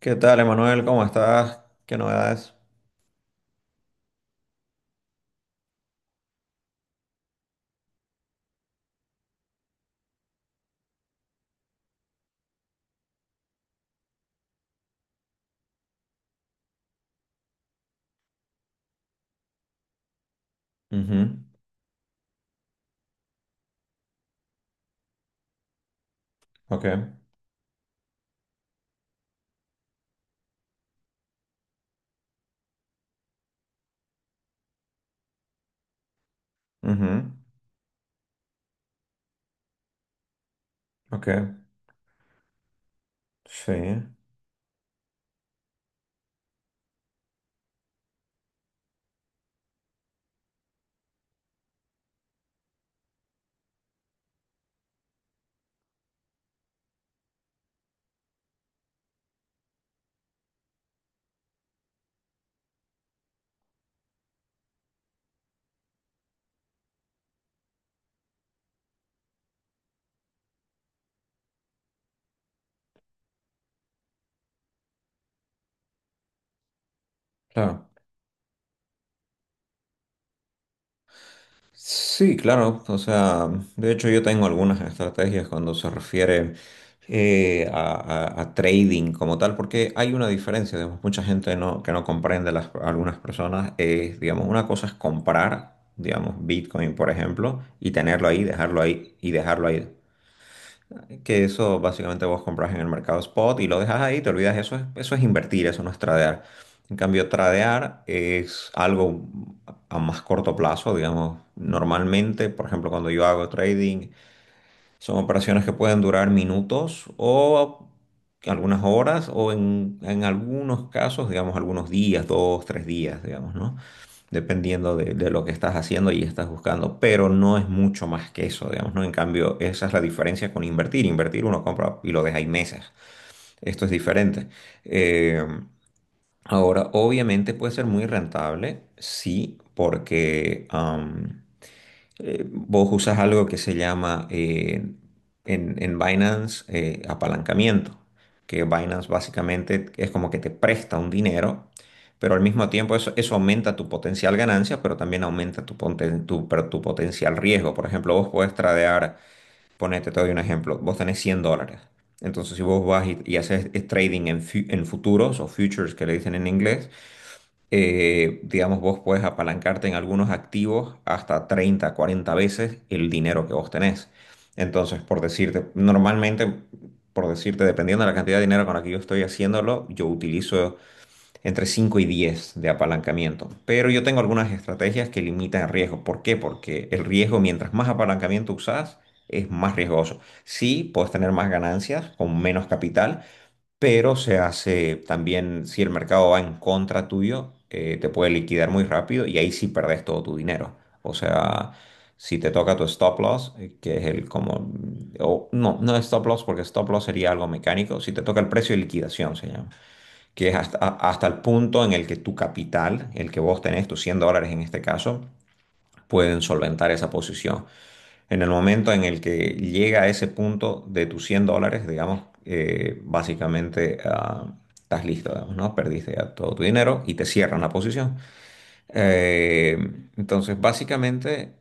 ¿Qué tal, Emanuel? ¿Cómo estás? ¿Qué novedades? Ujú. Ok. Ujú. Ok. Sí. Claro. Sí, claro. O sea, de hecho yo tengo algunas estrategias cuando se refiere eh, a, a trading como tal, porque hay una diferencia, digamos, mucha gente no, que no comprende, las, algunas personas, es, digamos, una cosa es comprar, digamos, Bitcoin, por ejemplo, y tenerlo ahí, dejarlo ahí y dejarlo ahí. Que eso básicamente vos compras en el mercado spot y lo dejas ahí, te olvidas, eso es invertir, eso no es tradear. En cambio, tradear es algo a más corto plazo, digamos, normalmente, por ejemplo, cuando yo hago trading, son operaciones que pueden durar minutos o algunas horas o en algunos casos, digamos, algunos días, dos, tres días, digamos, ¿no? Dependiendo de lo que estás haciendo y estás buscando, pero no es mucho más que eso, digamos, ¿no? En cambio, esa es la diferencia con invertir. Invertir uno compra y lo deja ahí meses. Esto es diferente. Eh, Ahora, obviamente puede ser muy rentable, sí, porque... vos usas algo que se llama en Binance apalancamiento, que Binance básicamente es como que te presta un dinero, pero al mismo tiempo eso, eso aumenta tu potencial ganancia, pero también aumenta pero tu potencial riesgo. Por ejemplo, vos podés tradear, ponete, te doy un ejemplo, vos tenés $100. Entonces, si vos vas y haces trading en, en futuros o futures que le dicen en inglés, digamos, vos puedes apalancarte en algunos activos hasta 30, 40 veces el dinero que vos tenés. Entonces, por decirte, normalmente, por decirte, dependiendo de la cantidad de dinero con la que yo estoy haciéndolo, yo utilizo entre 5 y 10 de apalancamiento. Pero yo tengo algunas estrategias que limitan el riesgo. ¿Por qué? Porque el riesgo, mientras más apalancamiento usás, es más riesgoso. Sí, puedes tener más ganancias con menos capital, pero se hace también, si el mercado va en contra tuyo, te puede liquidar muy rápido y ahí sí perdés todo tu dinero. O sea, si te toca tu stop loss, que es el como, no, no es stop loss porque stop loss sería algo mecánico, si te toca el precio de liquidación se llama, que es hasta, hasta el punto en el que tu capital, el que vos tenés, tus $100 en este caso, pueden solventar esa posición. En el momento en el que llega a ese punto de tus $100, digamos, básicamente estás listo, digamos, ¿no? Perdiste ya todo tu dinero y te cierran la posición. Eh, entonces, básicamente,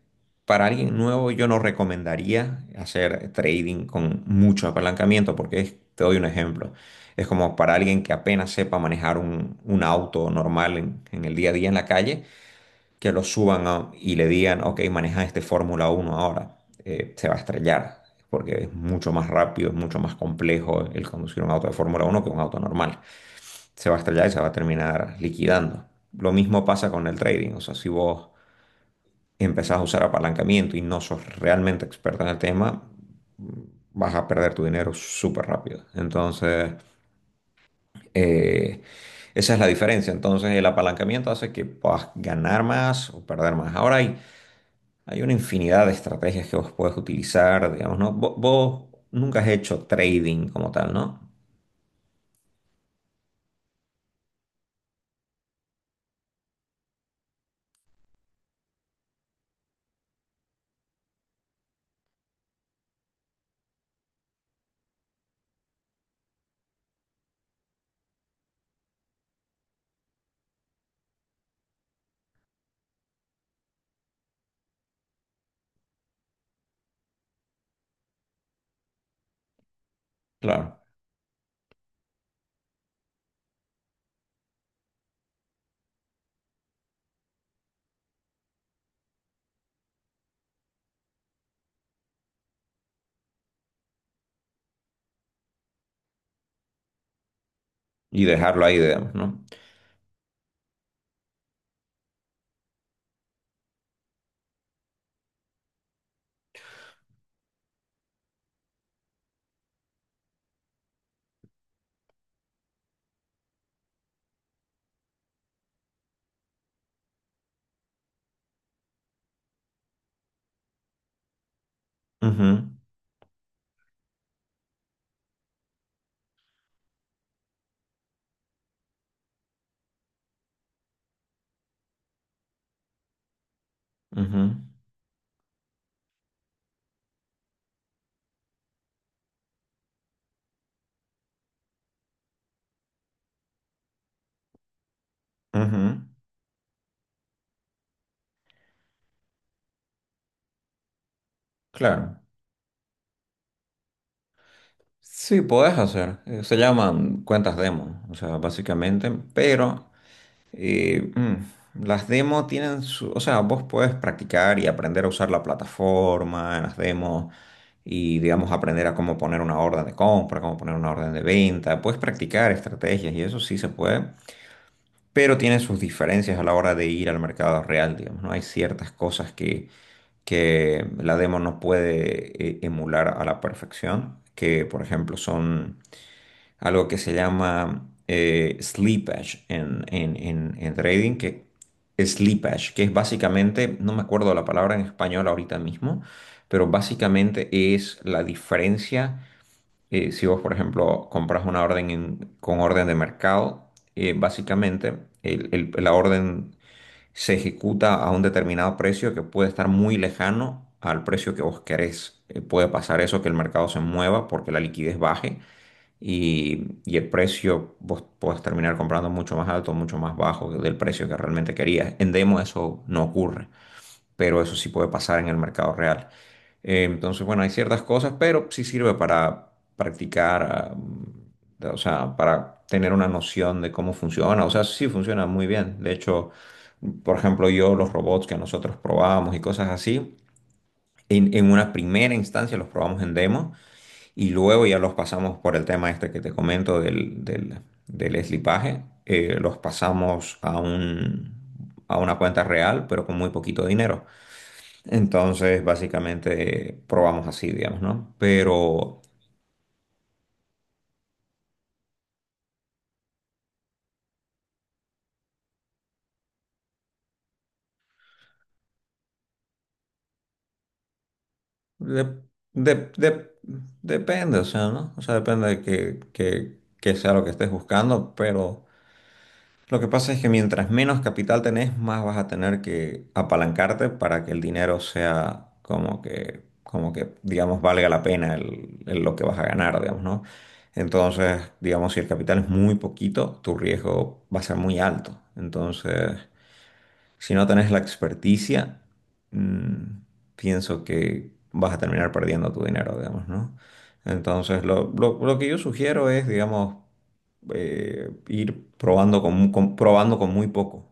para alguien nuevo yo no recomendaría hacer trading con mucho apalancamiento porque te doy un ejemplo. Es como para alguien que apenas sepa manejar un auto normal en el día a día en la calle que y le digan, ok, maneja este Fórmula uno ahora, se va a estrellar, porque es mucho más rápido, es mucho más complejo el conducir un auto de Fórmula uno que un auto normal. Se va a estrellar y se va a terminar liquidando. Lo mismo pasa con el trading, o sea, si vos empezás a usar apalancamiento y no sos realmente experto en el tema, vas a perder tu dinero súper rápido. Entonces, eh, esa es la diferencia. Entonces, el apalancamiento hace que puedas ganar más o perder más. Ahora hay Hay una infinidad de estrategias que vos podés utilizar, digamos, ¿no? Vos, nunca has hecho trading como tal, ¿no? Claro. Y dejarlo ahí, digamos, ¿no? Ujú, ujú, ujú. Claro. Sí, podés hacer. Se llaman cuentas demo, o sea, básicamente, pero las demo tienen su... O sea, vos podés practicar y aprender a usar la plataforma en las demos. Y, digamos, aprender a cómo poner una orden de compra, cómo poner una orden de venta. Puedes practicar estrategias y eso sí se puede, pero tiene sus diferencias a la hora de ir al mercado real, digamos, ¿no? Hay ciertas cosas que la demo no puede emular a la perfección, que, por ejemplo, son algo que se llama slippage en, en trading, que slippage, que es básicamente, no me acuerdo la palabra en español ahorita mismo, pero básicamente es la diferencia. Eh, si vos, por ejemplo, compras una orden con orden de mercado, básicamente la orden se ejecuta a un determinado precio que puede estar muy lejano al precio que vos querés. Puede pasar eso, que el mercado se mueva porque la liquidez baje y el precio vos podés terminar comprando mucho más alto, mucho más bajo del precio que realmente querías. En demo eso no ocurre, pero eso sí puede pasar en el mercado real. Entonces, bueno, hay ciertas cosas, pero sí sirve para practicar, o sea, para tener una noción de cómo funciona. O sea, sí funciona muy bien. De hecho, por ejemplo, yo los robots que nosotros probábamos y cosas así, en una primera instancia los probamos en demo y luego ya los pasamos por el tema este que te comento del eslipaje, los pasamos a un, a una cuenta real, pero con muy poquito dinero. Entonces, básicamente, probamos así, digamos, ¿no? Pero de- de- de- depende, o sea, ¿no? O sea, depende de que sea lo que estés buscando, pero... Lo que pasa es que mientras menos capital tenés, más vas a tener que apalancarte para que el dinero sea como que, digamos, valga la pena el lo que vas a ganar, digamos, ¿no? Entonces, digamos, si el capital es muy poquito, tu riesgo va a ser muy alto. Entonces, si no tenés la experticia, mm, pienso que vas a terminar perdiendo tu dinero, digamos, ¿no? Entonces, lo que yo sugiero es, digamos, ir probando con, probando con muy poco,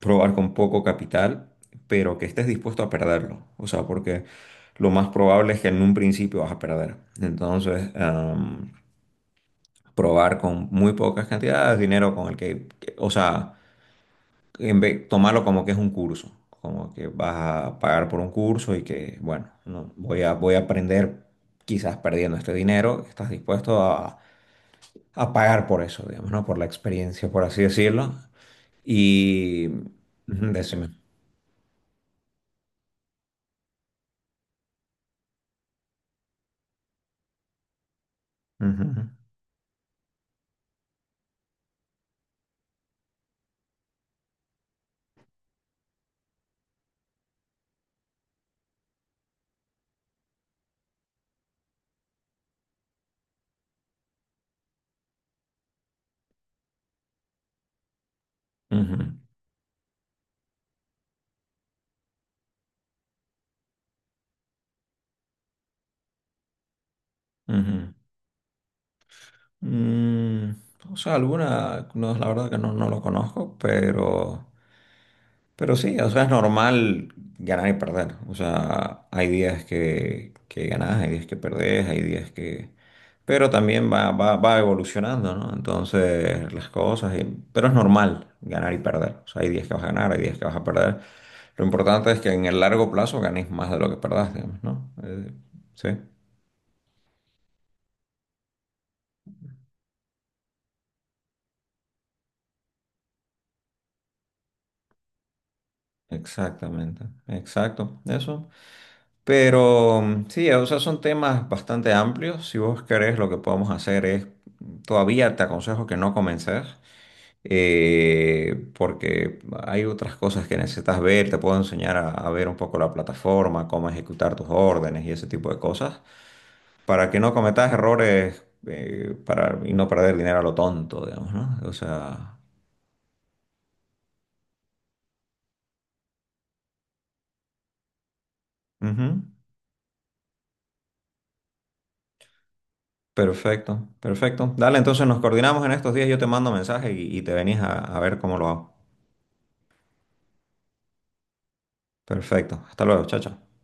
probar con poco capital, pero que estés dispuesto a perderlo. O sea, porque lo más probable es que en un principio vas a perder. Entonces, am, probar con muy pocas cantidades de dinero con el que, o sea tomarlo como que es un curso, como que vas a pagar por un curso y que, bueno, no, voy a, voy a aprender quizás perdiendo este dinero, estás dispuesto a pagar por eso, digamos, ¿no? Por la experiencia, por así decirlo. Y ujú, decime. Ujú, ujú, ujú. Mm, o sea, alguna, no, la verdad que no, no lo conozco, pero... Pero sí, o sea, es normal ganar y perder. O sea, hay días que ganás, hay días que perdés, hay días que... Pero también va evolucionando, ¿no? Entonces, las cosas... y- Pero es normal ganar y perder. O sea, hay días que vas a ganar, hay días que vas a perder. Lo importante es que en el largo plazo ganes más de lo que perdás, digamos, ¿no? Sí, exactamente. Exacto. Eso. Pero mm, sí, o sea, son temas bastante amplios. Si vos querés, lo que podemos hacer es, todavía te aconsejo que no comences, porque hay otras cosas que necesitas ver. Te puedo enseñar a ver un poco la plataforma, cómo ejecutar tus órdenes y ese tipo de cosas, para que no cometas errores, y no perder dinero a lo tonto, digamos, ¿no? O sea, ujú. Perfecto, perfecto. Dale, entonces nos coordinamos en estos días. Yo te mando mensaje y te venís a ver cómo lo hago. Perfecto. Hasta luego, chao, chao.